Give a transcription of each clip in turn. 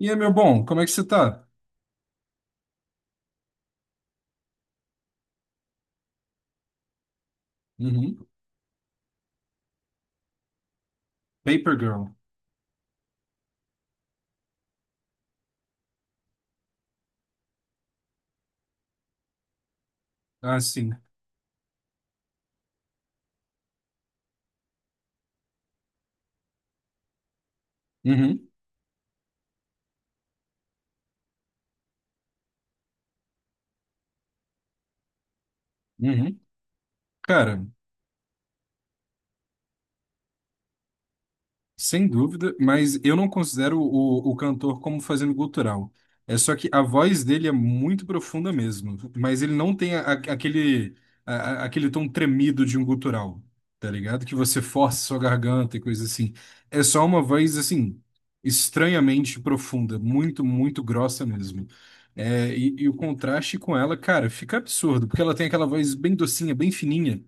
E aí, meu bom, como é que você tá? Uhum. Paper Girl. Ah, sim. Uhum. Uhum. Cara, sem dúvida, mas eu não considero o cantor como fazendo gutural. É só que a voz dele é muito profunda mesmo, mas ele não tem aquele, a- aquele tom tremido de um gutural, tá ligado? Que você força sua garganta e coisa assim. É só uma voz, assim, estranhamente profunda, muito, muito grossa mesmo. É, e o contraste com ela, cara, fica absurdo, porque ela tem aquela voz bem docinha, bem fininha.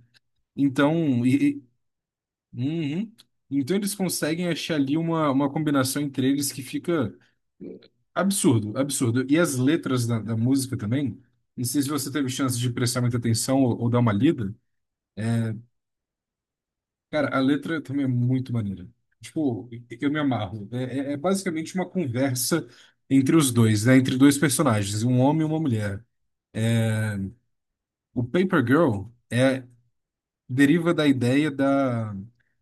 Então, uhum. Então eles conseguem achar ali uma combinação entre eles que fica eh, absurdo, absurdo. E as letras da música também, não sei se você teve chance de prestar muita atenção ou dar uma lida. Cara, a letra também é muito maneira. Tipo, eu me amarro. É basicamente uma conversa entre os dois, né? Entre dois personagens, um homem e uma mulher. O Paper Girl é deriva da ideia da,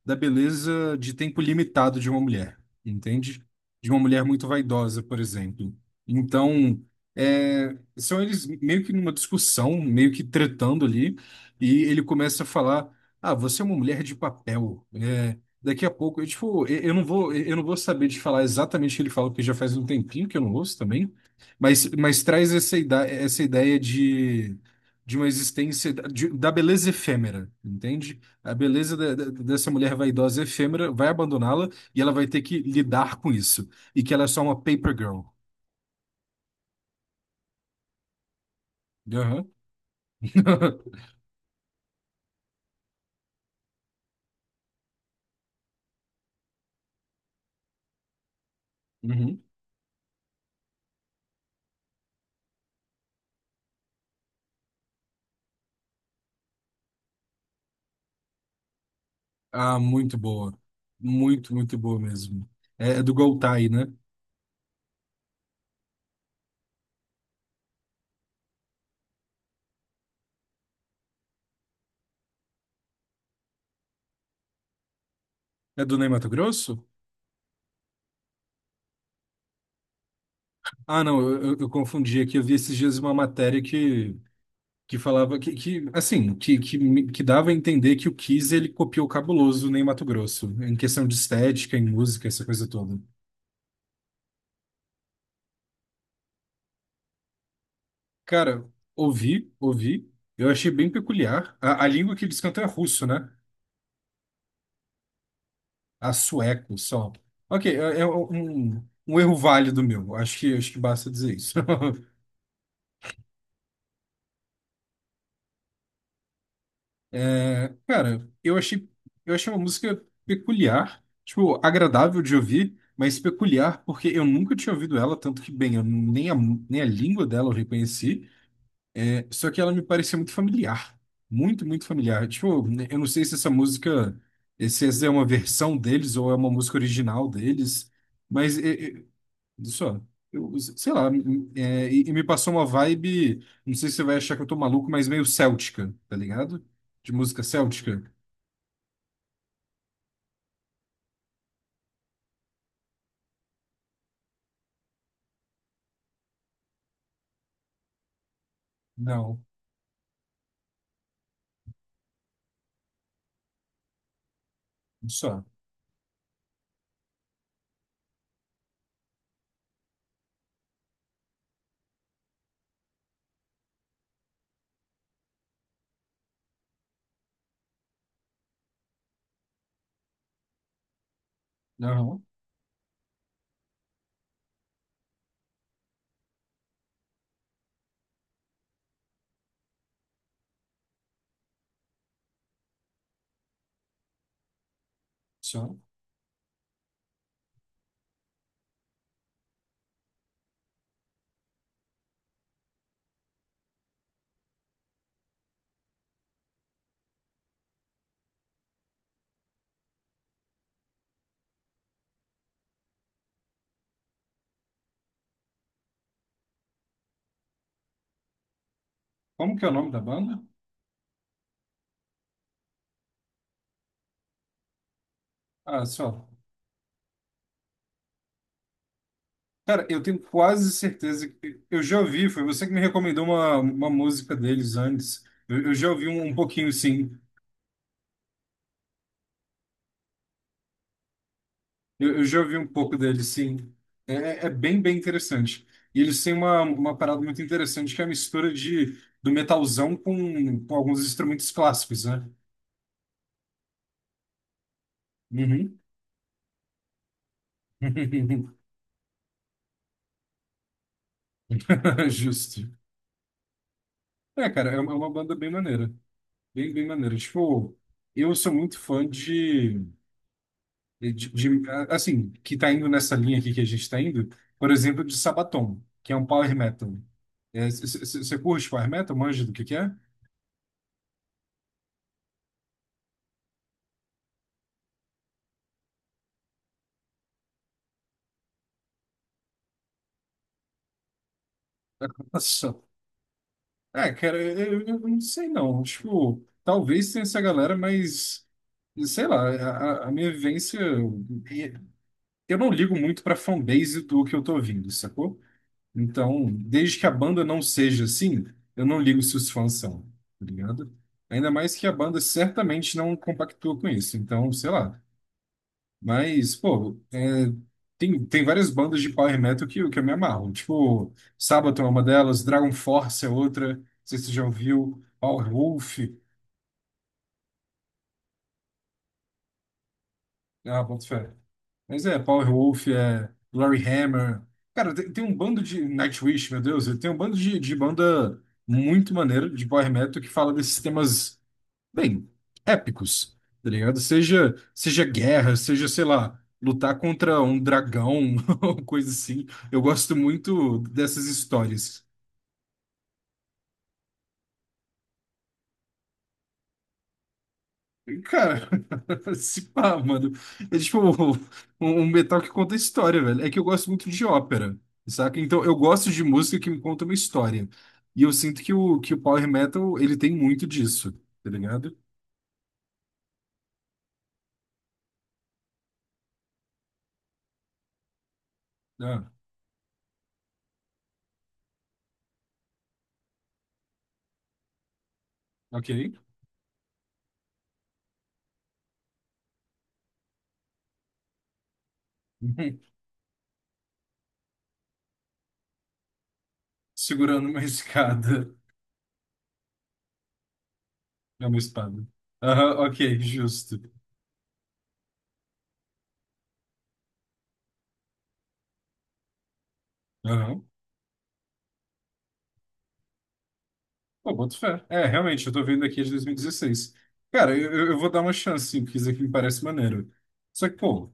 da beleza de tempo limitado de uma mulher, entende? De uma mulher muito vaidosa, por exemplo. Então, é, são eles meio que numa discussão, meio que tretando ali, e ele começa a falar: Ah, você é uma mulher de papel. É, daqui a pouco, eu, tipo, eu não vou, eu não vou saber te falar exatamente o que ele fala, porque já faz um tempinho que eu não ouço também, mas traz essa ideia de uma existência de- da beleza efêmera, entende? A beleza da- da- dessa mulher vaidosa efêmera vai abandoná-la e ela vai ter que lidar com isso. E que ela é só uma paper girl. Aham. Uhum. Ah, muito boa. Muito, muito boa mesmo. É, é do Goltai, né? É do Ney Matogrosso? Ah, não, eu confundi aqui. Eu vi esses dias uma matéria que falava que assim, que, que dava a entender que o Kiss ele copiou o Cabuloso nem Mato Grosso, em questão de estética, em música, essa coisa toda. Cara, ouvi, ouvi, eu achei bem peculiar. A língua que eles cantam é russo, né? A sueco só. Ok, é, é um, um erro válido meu, acho que basta dizer isso. É, cara, eu achei uma música peculiar, tipo, agradável de ouvir, mas peculiar porque eu nunca tinha ouvido ela, tanto que, bem, eu nem a, nem a língua dela eu reconheci, é, só que ela me parecia muito familiar, muito, muito familiar. Tipo, né, eu não sei se essa música, se essa é uma versão deles ou é uma música original deles, mas é, só. Eu, sei lá, é, e me passou uma vibe, não sei se você vai achar que eu tô maluco, mas meio céltica, tá ligado? De música céltica. Não, só. Não, só. Como que é o nome da banda? Ah, só. Cara, eu tenho quase certeza que eu já ouvi, foi você que me recomendou uma música deles antes. Eu já ouvi um, um pouquinho, sim. Eu já ouvi um pouco dele, sim. É bem, bem interessante. E eles têm uma parada muito interessante, que é a mistura de, do metalzão com alguns instrumentos clássicos, né? Uhum. Justo. É, cara, é uma banda bem maneira. Bem, bem maneira. Tipo, eu sou muito fã de, Assim, que tá indo nessa linha aqui que a gente tá indo, por exemplo, de Sabaton, que é um power metal. É, Você curte power metal? Manja do que é? Nossa. É, cara, eu não sei não. Tipo, talvez tenha essa galera, mas sei lá, a, a minha vivência. Eu não ligo muito pra fanbase do que eu tô ouvindo, sacou? Então, desde que a banda não seja assim, eu não ligo se os fãs são, tá ligado? Ainda mais que a banda certamente não compactua com isso. Então, sei lá. Mas, pô, é, tem, tem várias bandas de power metal que eu me amarro. Tipo, Sabaton é uma delas, Dragon Force é outra, não sei se você já ouviu, Power Wolf. Ah, boto fé. Mas é, Power Wolf, é Glory Hammer. Cara, tem, tem um bando de. Nightwish, meu Deus, tem um bando de banda muito maneira de power metal que fala desses temas. Bem, épicos, tá ligado? Seja, seja guerra, seja, sei lá, lutar contra um dragão, ou coisa assim. Eu gosto muito dessas histórias. E, cara, se pá, mano. É tipo um metal que conta história, velho. É que eu gosto muito de ópera, saca? Então eu gosto de música que me conta uma história. E eu sinto que o Power Metal, ele tem muito disso, tá ligado? Ah, ok. Segurando uma escada. É uma espada. Aham, ok, justo. Aham. Pô, boto fé. É, realmente, eu tô vendo aqui de 2016. Cara, eu, eu vou dar uma chance, sim, porque isso aqui me parece maneiro. Só que, pô,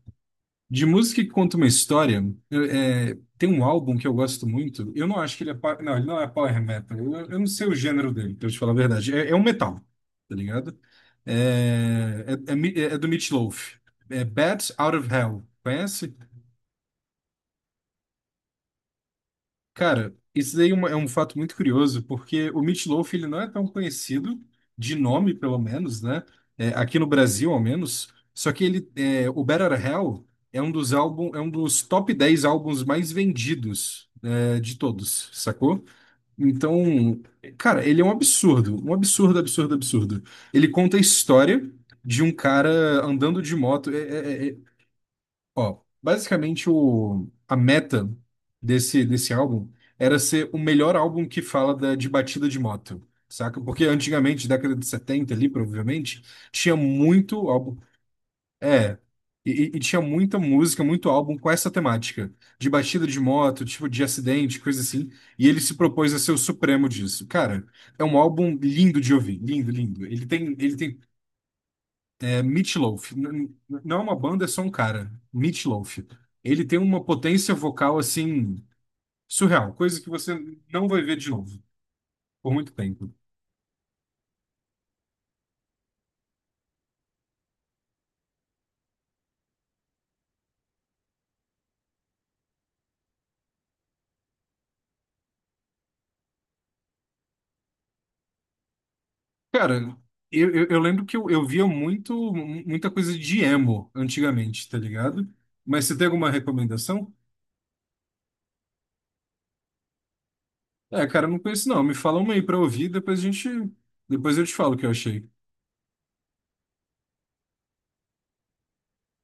de música que conta uma história, é, tem um álbum que eu gosto muito. Eu não acho que ele é. Não, ele não é power metal. Eu não sei o gênero dele, pra eu te falar a verdade. É, é um metal, tá ligado? É do Meat Loaf. É Bats Out of Hell. Conhece? Cara, isso daí é é um fato muito curioso, porque o Meat Loaf ele não é tão conhecido, de nome pelo menos, né? É, aqui no Brasil, ao menos. Só que ele, é, o Better Hell é um dos álbum, é um dos top 10 álbuns mais vendidos, é, de todos, sacou? Então, cara, ele é um absurdo, absurdo, absurdo. Ele conta a história de um cara andando de moto. Ó, basicamente o, a meta desse álbum era ser o melhor álbum que fala da, de batida de moto, saca? Porque antigamente, década de 70 ali, provavelmente, tinha muito álbum. É, e tinha muita música, muito álbum com essa temática, de batida de moto, tipo de acidente, coisa assim. E ele se propôs a ser o supremo disso. Cara, é um álbum lindo de ouvir, lindo, lindo. Ele tem é Meatloaf. Não é uma banda, é só um cara. Meatloaf. Ele tem uma potência vocal assim surreal, coisa que você não vai ver de novo por muito tempo. Cara, eu lembro que eu via muito muita coisa de emo antigamente, tá ligado? Mas você tem alguma recomendação? É, cara, eu não conheço não. Me fala uma aí pra ouvir, depois a gente, depois eu te falo o que eu achei.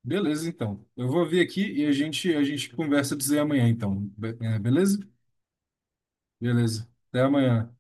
Beleza, então. Eu vou ouvir aqui e a gente conversa dizer amanhã, então. Beleza? Beleza. Até amanhã.